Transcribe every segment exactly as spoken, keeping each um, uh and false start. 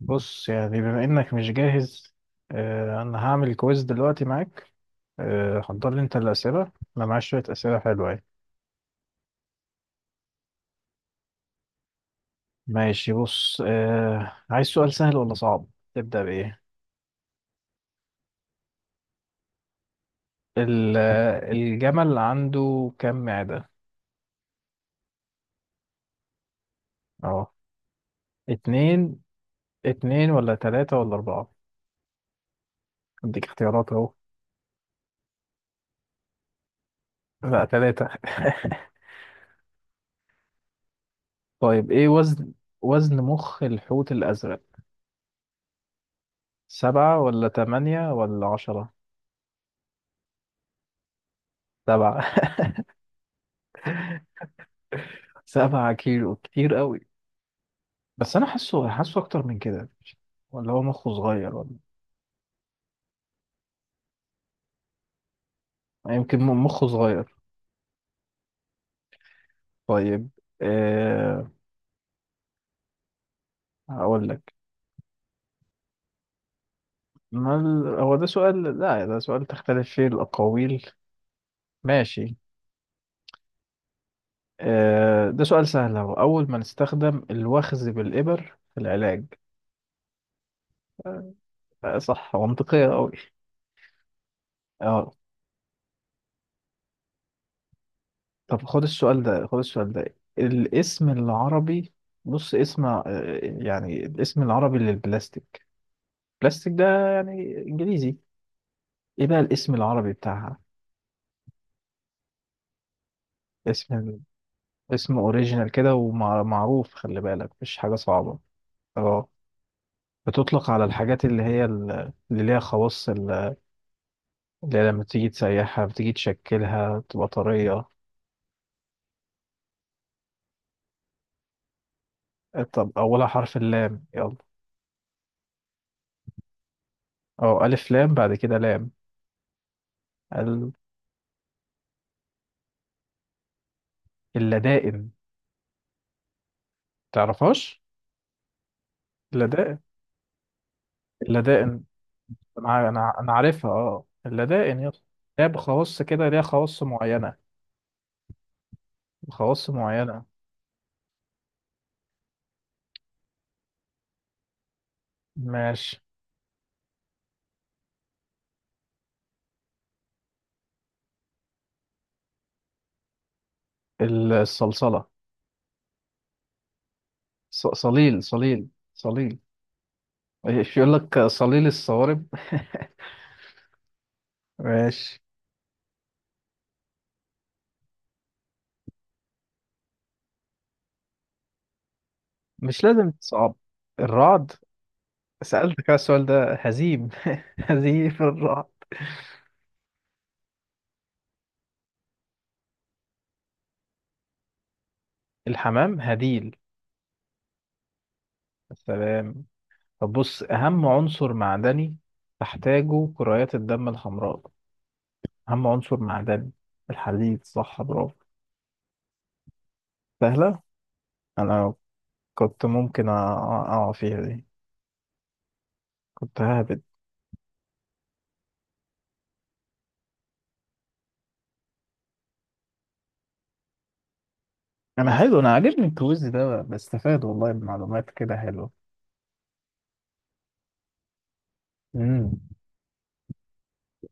بص يعني بما انك مش جاهز. آه، انا هعمل كويز دلوقتي معاك. آه، حضر لي انت الاسئله. انا معايا شويه اسئله حلوه يعني. ماشي، بص آه، عايز سؤال سهل ولا صعب؟ تبدا بايه؟ ال- آه، الجمل عنده كم معده؟ اه. اتنين اتنين ولا تلاته ولا اربعه؟ اديك اختيارات اهو. لا، تلاته. طيب ايه وزن، وزن مخ الحوت الازرق؟ سبعه ولا تمانيه ولا عشره؟ سبعه. سبعة كيلو كتير قوي، بس انا حاسه حاسه اكتر من كده. ولا هو مخه صغير ولا؟ يعني يمكن م- مخه صغير. طيب، أه هقول لك. ما ال... هو ده سؤال، لا ده سؤال تختلف فيه الأقاويل. ماشي، أه ده سؤال سهل أهو. أول ما نستخدم الوخز بالإبر في العلاج؟ أه صح، منطقية أوي. أه طب خد السؤال ده، خد السؤال ده الاسم العربي. بص اسم آه، يعني الاسم العربي للبلاستيك. بلاستيك ده يعني انجليزي، ايه بقى الاسم العربي بتاعها؟ اسم، اسم اوريجينال كده ومعروف، خلي بالك مش حاجة صعبة. اه، بتطلق على الحاجات اللي هي ال- اللي ليها خواص ال- اللي هي لما تيجي تسيحها بتيجي تشكلها تبقى طرية. آه، طب أولها حرف اللام، يلا. اه ألف لام، بعد كده لام. ال- اللدائن. تعرفهاش؟ اللدائن، اللدائن. أنا أنا أنا عارفها، اه اللدائن، يلا. لعبة خواص كده، ليها خواص معينة، خواص معينة. ماشي. الصلصلة. ص- صليل صليل صليل. ايش يقول لك صليل الصوارب. ماشي، مش لازم تصعب. الرعد، سألتك على السؤال ده، هزيم، هزيم الرعد. الحمام هديل. السلام. طب بص، أهم عنصر معدني تحتاجه كريات الدم الحمراء، أهم عنصر معدني. الحديد، صح برافو. سهلة. أنا كنت ممكن أقع فيها دي، كنت ههبد. انا حلو، انا عاجبني الكويز ده، بستفاد والله بمعلومات كده حلوه. امم.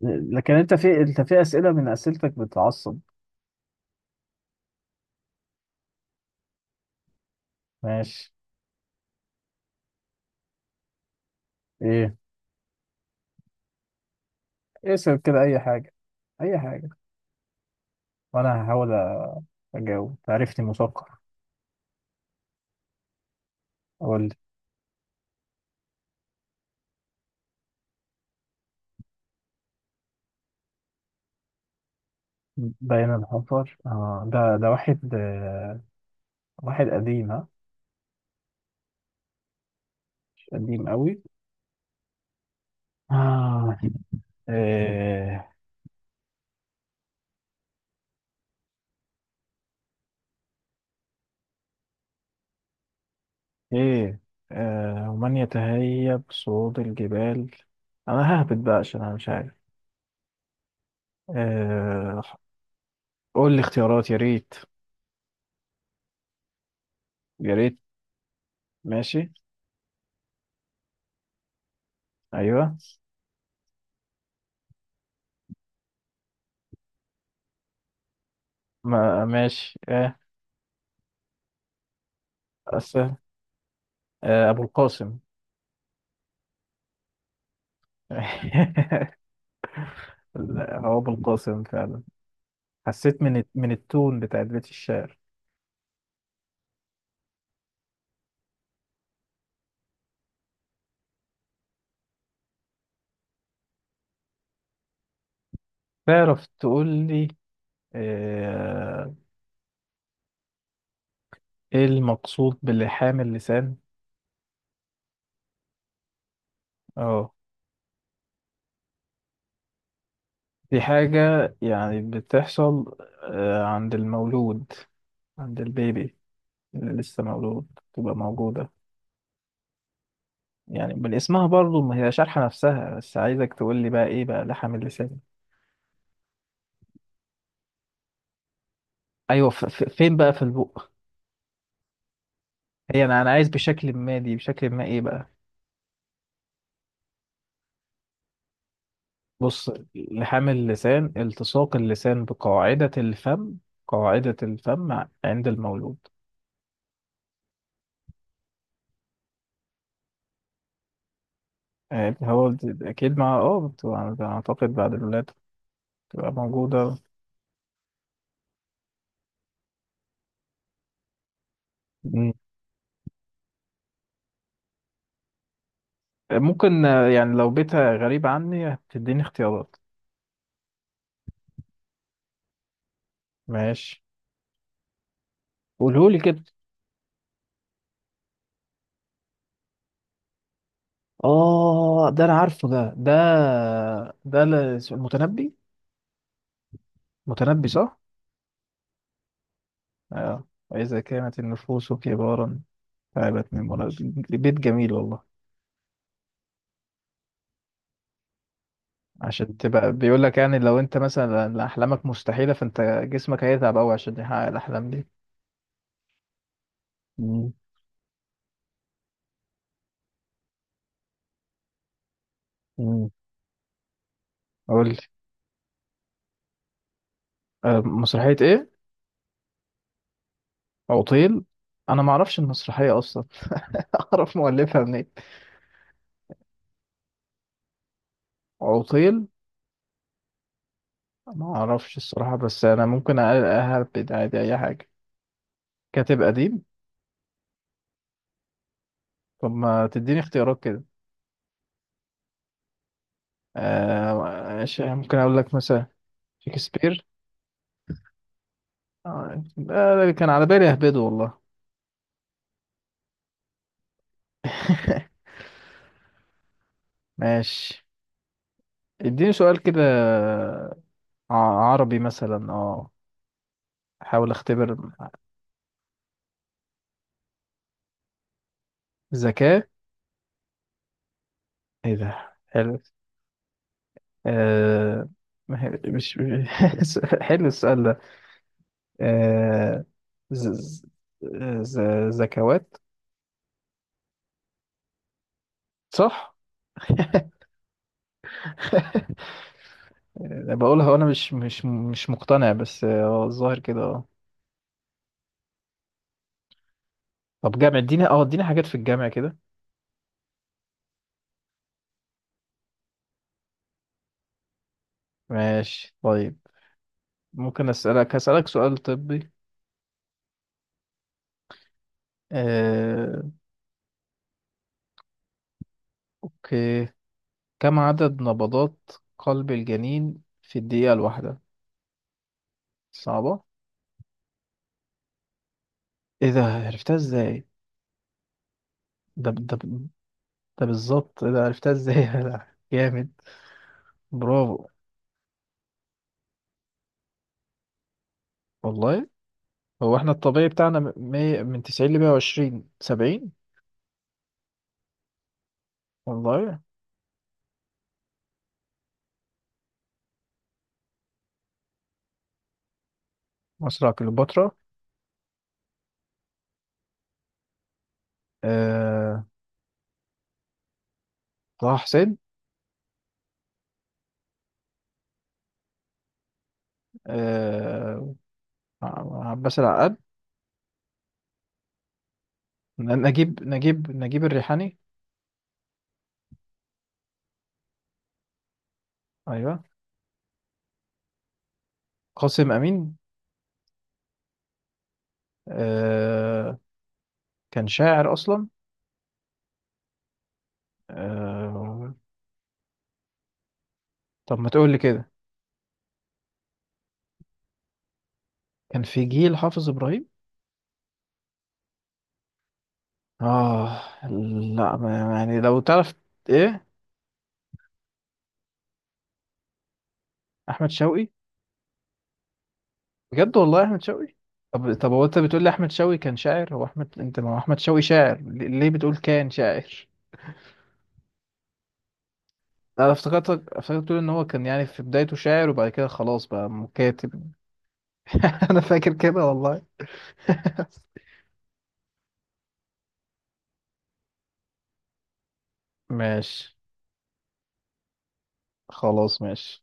لكن انت في انت في اسئله من اسئلتك بتعصب. ماشي. ايه، اسال كده اي حاجه، اي حاجه، وانا هحاول اجاوب، تعرفني مثقف. اقول لي. بين الحفر، اه ده ده واحد آه، واحد قديم، ها؟ مش قديم قوي. آه. ايه، ايه. آه، ومن يتهيب صعود الجبال. انا ههبط بقى عشان انا مش عارف. آه، قول لي اختيارات يا ريت، يا ريت. ماشي، ايوه، ما ماشي اه. أس... آه، ابو القاسم. لا، هو ابو القاسم فعلا، حسيت من الت- من التون بتاعت بيت الشعر. تعرف تقول لي آه، ايه المقصود بلحام اللسان؟ اه، دي حاجة يعني بتحصل آه، عند المولود، عند البيبي اللي لسه مولود، تبقى موجودة. يعني من اسمها برضو، ما هي شارحة نفسها، بس عايزك تقول لي بقى ايه بقى لحم اللسان. ايوه، ف- ف- فين بقى في البق؟ هي انا انا عايز بشكل ما، دي بشكل ما ايه بقى؟ بص، لحام اللسان التصاق اللسان بقاعدة الفم، قاعدة الفم عند المولود. آه، هو د- اكيد مع اه بتبقى- بتبقى اعتقد بعد الولادة، بتبقى موجودة. مم. ممكن آه، يعني لو بيتها غريب عني هتديني اختيارات. ماشي، قولهولي كده. اه ده انا عارفه، ده ده ده ل- اسمه المتنبي. متنبي صح. اه، واذا كانت النفوس كبارا، تعبت من منى. بيت جميل والله. عشان تبقى بيقول لك يعني لو انت مثلا احلامك مستحيله، فانت جسمك هيتعب قوي عشان يحقق الاحلام دي. مم. مم. قول لي. آه، مسرحيه ايه؟ عطيل. انا ما اعرفش المسرحيه اصلا، اعرف مؤلفها منين؟ عطيل، ما اعرفش الصراحه، بس انا ممكن أ- اهبد عادي اي حاجه. كاتب قديم. طب ما تديني اختيارات كده. آه ماشي، ممكن اقول لك مثلا شكسبير. آه. آه، ده كان على بالي اهبده والله. ماشي، اديني سؤال كده، ع- عربي مثلا اه، احاول اختبر. ذكاء؟ ايه ده حلو. آه، ما هي- مش مش- حلو السؤال ده. آه. ز... ز... ز- زكوات. صح. آه، بقولها وانا مش مش مش مقتنع، بس اه الظاهر كده اه. طب جامع، اديني اه اديني حاجات في الجامع كده. ماشي طيب. ممكن اسالك، هسالك سؤال طبي. آه، اوكي، كم عدد نبضات قلب الجنين في الدقيقة الواحدة؟ صعبة. ايه ده، عرفتها ازاي؟ ده ده، ده بالظبط، ايه ده عرفتها ازاي؟ ده جامد. برافو، والله. هو احنا الطبيعي بتاعنا م- مية- من تسعين ل مية وعشرين، سبعين. والله. مصر على كليوباترا. آه، طه حسين. آه، عباس العقاد. ن- نجيب نجيب نجيب الريحاني. ايوه، قاسم امين. آه، كان شاعر اصلا. آه، طب ما تقول لي كده. كان في جيل حافظ ابراهيم. اه. لا ما- يعني لو تعرف. ايه، احمد شوقي؟ بجد، والله احمد شوقي. طب طب، هو انت بتقول لي احمد شوقي كان شاعر، هو احمد انت، ما هو احمد شوقي شاعر، ليه ليه بتقول كان شاعر؟ انا افتكرتك، افتكرت تقول ان هو كان يعني في بدايته شاعر، وبعد كده خلاص بقى كاتب. انا فاكر كده والله. ماشي، خلاص ماشي.